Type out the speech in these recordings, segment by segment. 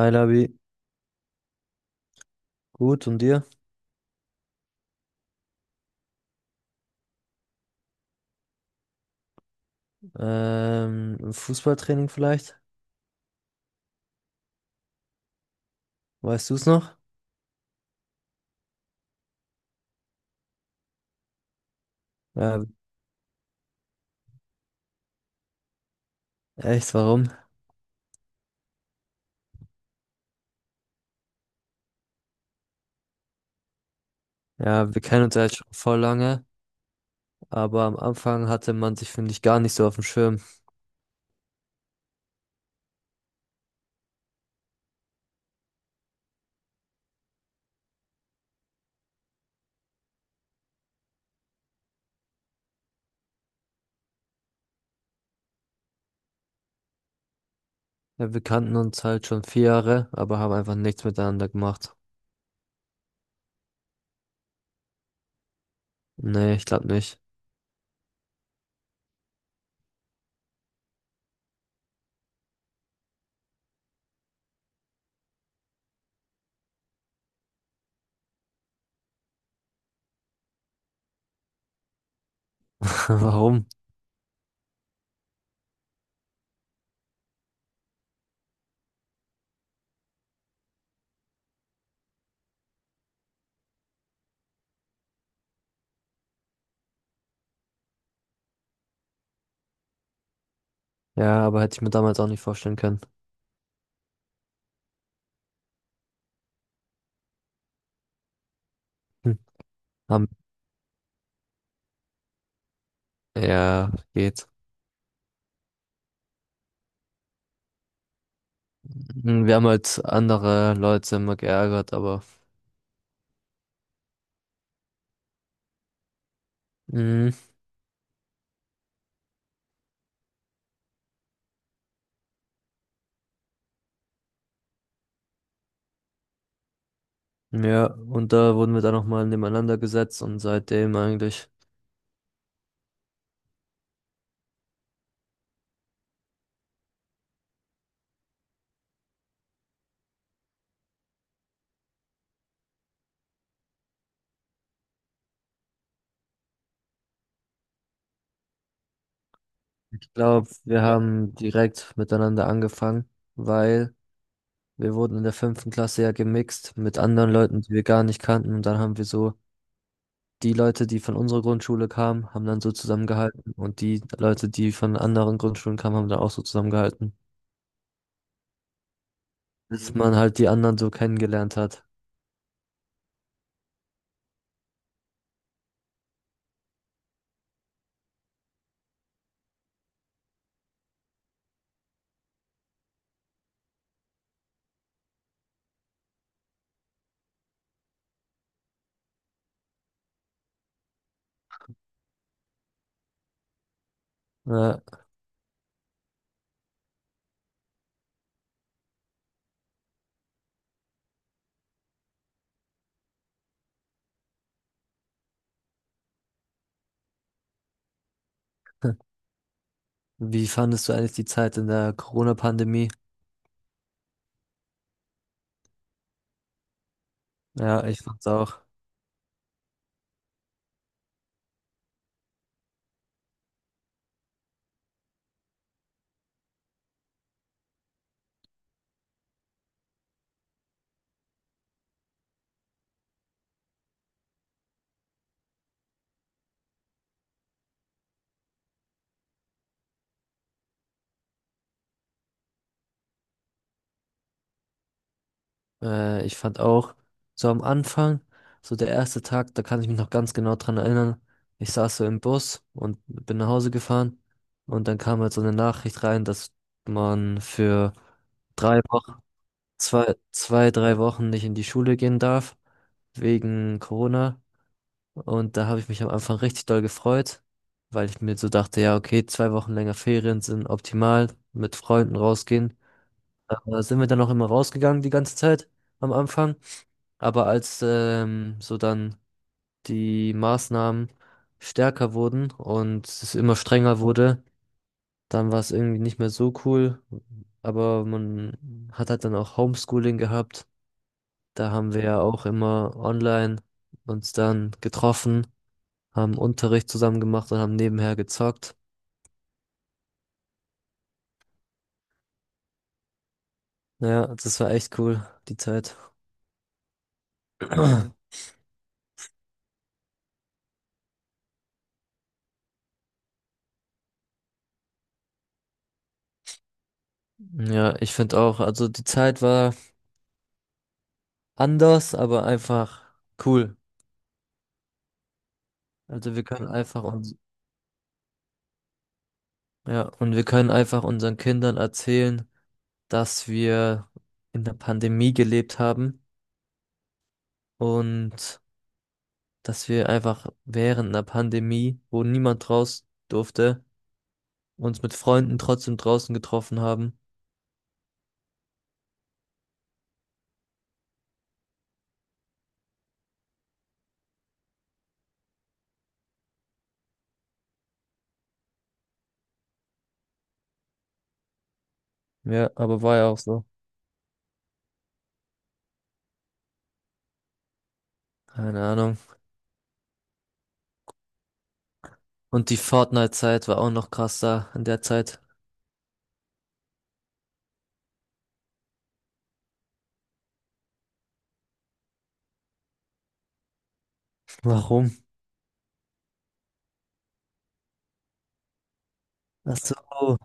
Hi Labi, gut und dir? Im Fußballtraining vielleicht? Weißt du es noch? Ja, echt, warum? Ja, wir kennen uns ja jetzt schon voll lange, aber am Anfang hatte man sich, finde ich, gar nicht so auf dem Schirm. Ja, wir kannten uns halt schon 4 Jahre, aber haben einfach nichts miteinander gemacht. Nee, ich glaube nicht. Warum? Ja, aber hätte ich mir damals auch nicht vorstellen können. Hm. Haben, ja, geht. Hm, wir haben halt andere Leute immer geärgert, aber. Mhm. Ja, und da wurden wir dann nochmal nebeneinander gesetzt und seitdem eigentlich, ich glaube, wir haben direkt miteinander angefangen, weil wir wurden in der fünften Klasse ja gemixt mit anderen Leuten, die wir gar nicht kannten, und dann haben wir so die Leute, die von unserer Grundschule kamen, haben dann so zusammengehalten und die Leute, die von anderen Grundschulen kamen, haben dann auch so zusammengehalten, bis man halt die anderen so kennengelernt hat. Ja. Wie fandest du eigentlich die Zeit in der Corona-Pandemie? Ja, ich fand's auch. Ich fand auch, so am Anfang, so der erste Tag, da kann ich mich noch ganz genau dran erinnern. Ich saß so im Bus und bin nach Hause gefahren und dann kam halt so eine Nachricht rein, dass man für 3 Wochen, 3 Wochen nicht in die Schule gehen darf, wegen Corona. Und da habe ich mich am Anfang richtig doll gefreut, weil ich mir so dachte, ja, okay, 2 Wochen länger Ferien sind optimal, mit Freunden rausgehen. Da sind wir dann auch immer rausgegangen die ganze Zeit am Anfang. Aber als so dann die Maßnahmen stärker wurden und es immer strenger wurde, dann war es irgendwie nicht mehr so cool. Aber man hat halt dann auch Homeschooling gehabt. Da haben wir ja auch immer online uns dann getroffen, haben Unterricht zusammen gemacht und haben nebenher gezockt. Ja, das war echt cool, die Zeit. Ja, ich finde auch, also die Zeit war anders, aber einfach cool. Also wir können einfach uns. Ja, und wir können einfach unseren Kindern erzählen, dass wir in der Pandemie gelebt haben und dass wir einfach während einer Pandemie, wo niemand raus durfte, uns mit Freunden trotzdem draußen getroffen haben. Ja, aber war ja auch so. Keine Ahnung. Und die Fortnite-Zeit war auch noch krasser in der Zeit. Warum? Ach so.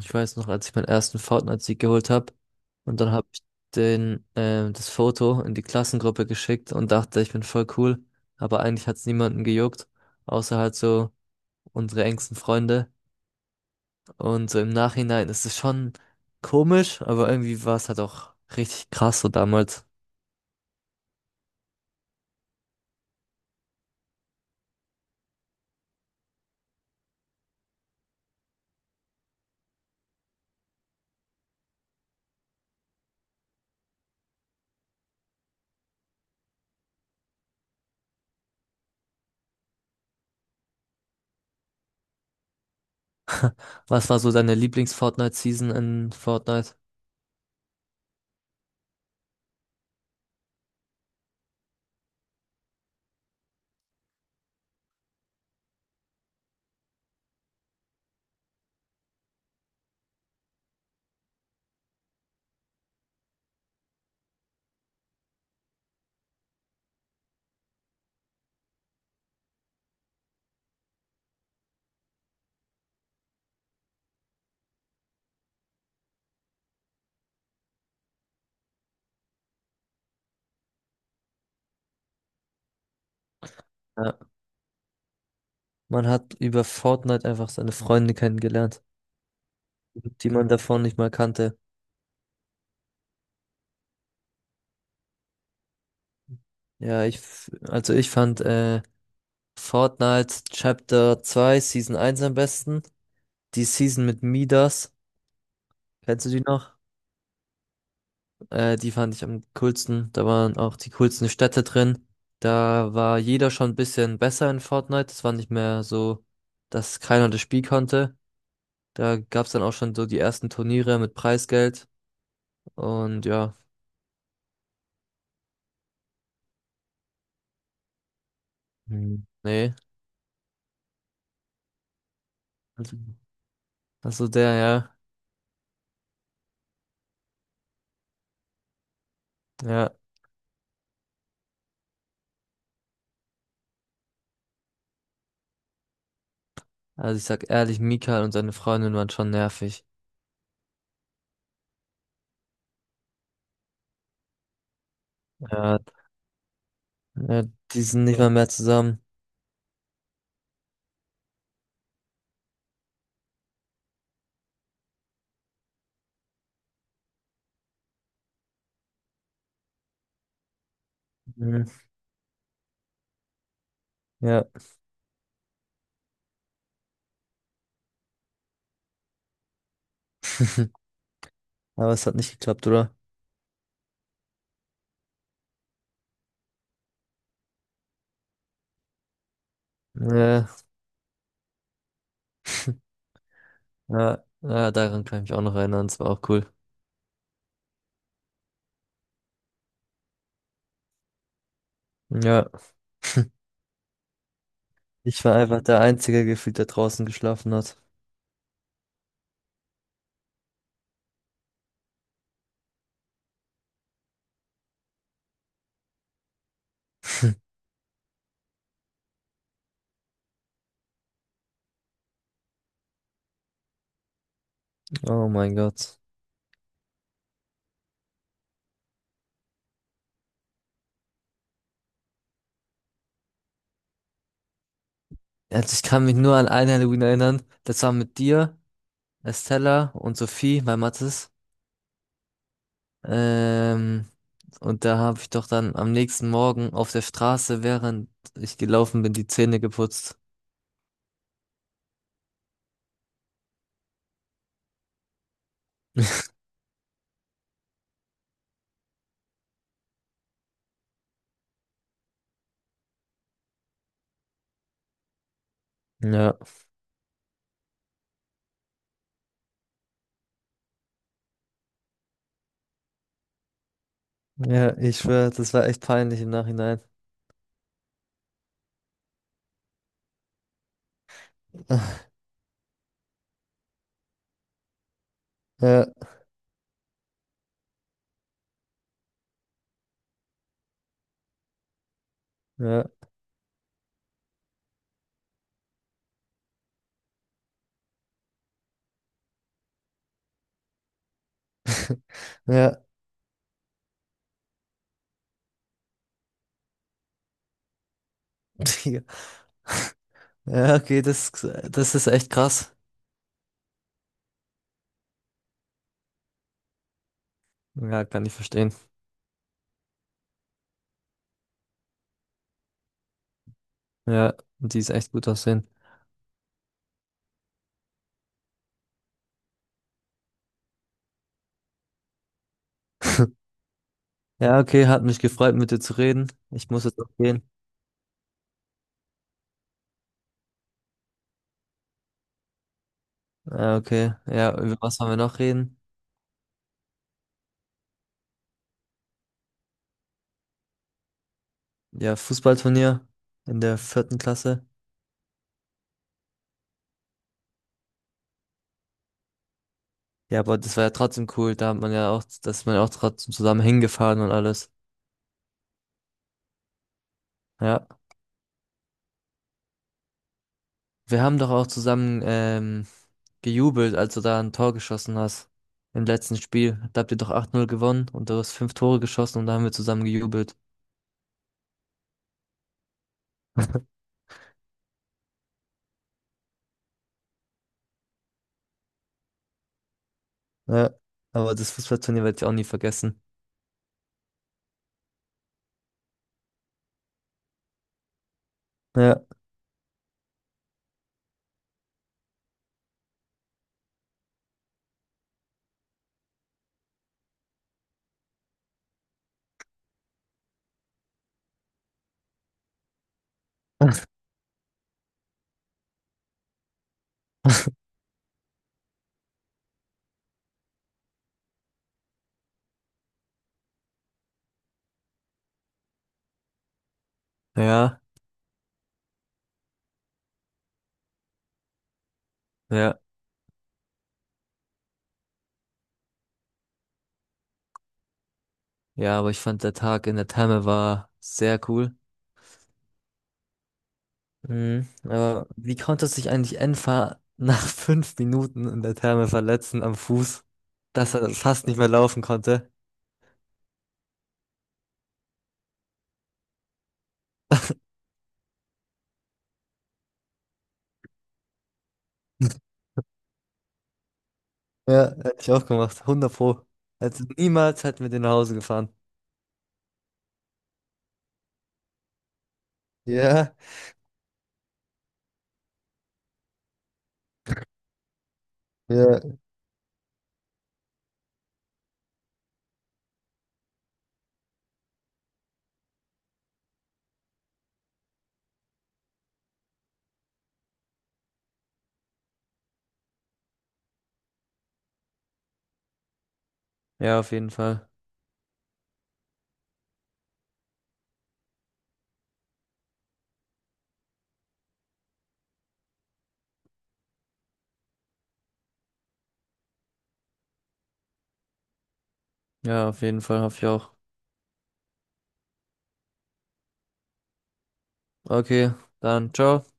Ich weiß noch, als ich meinen ersten Fortnite-Sieg geholt habe und dann habe ich den, das Foto in die Klassengruppe geschickt und dachte, ich bin voll cool, aber eigentlich hat es niemanden gejuckt, außer halt so unsere engsten Freunde. Und so im Nachhinein ist es schon komisch, aber irgendwie war es halt auch richtig krass so damals. Was war so deine Lieblings-Fortnite-Season in Fortnite? Ja, man hat über Fortnite einfach seine Freunde kennengelernt, die man davor nicht mal kannte. Ja, also ich fand, Fortnite Chapter 2 Season eins am besten. Die Season mit Midas, kennst du die noch? Die fand ich am coolsten. Da waren auch die coolsten Städte drin. Da war jeder schon ein bisschen besser in Fortnite. Es war nicht mehr so, dass keiner das Spiel konnte. Da gab es dann auch schon so die ersten Turniere mit Preisgeld. Und ja, hm, nee. Also, also der, ja. Ja. Also ich sag ehrlich, Mika und seine Freundin waren schon nervig. Ja, ja, die sind nicht mal mehr zusammen. Mhm. Ja, aber es hat nicht geklappt, oder? Ja, ja, ja, daran kann ich mich auch noch erinnern, es war auch cool. Ja, ich war einfach der Einzige gefühlt, der draußen geschlafen hat. Oh mein Gott. Also ich kann mich nur an ein Halloween erinnern, das war mit dir, Estella und Sophie, mein Mattes. Ähm, und da habe ich doch dann am nächsten Morgen auf der Straße, während ich gelaufen bin, die Zähne geputzt. Ja, ja, ich schwöre, das war echt peinlich im Nachhinein. Ja, ja, ja. Ja, okay, das ist echt krass. Ja, kann ich verstehen. Ja, die ist echt gut aussehen. Ja, okay, hat mich gefreut, mit dir zu reden. Ich muss jetzt auch gehen. Ja, okay. Ja, über was wollen wir noch reden? Ja, Fußballturnier in der vierten Klasse. Ja, aber das war ja trotzdem cool. Da hat man ja auch, da ist man ja auch trotzdem zusammen hingefahren und alles. Ja. Wir haben doch auch zusammen gejubelt, als du da ein Tor geschossen hast. Im letzten Spiel. Da habt ihr doch 8:0 gewonnen und du hast fünf Tore geschossen und da haben wir zusammen gejubelt. Ja, aber das Fußballturnier werde ich auch nie vergessen. Ja, ja, ja, ja, aber ich fand, der Tag in der Therme war sehr cool. Mhm. Aber wie konnte sich eigentlich Enfer nach 5 Minuten in der Therme verletzen am Fuß, dass er fast nicht mehr laufen konnte? Ja, hätte ich auch gemacht, 100 pro. Also niemals hätten wir den nach Hause gefahren. Ja, ja. Ja, auf jeden Fall. Ja, auf jeden Fall hoffe ich auch. Okay, dann ciao.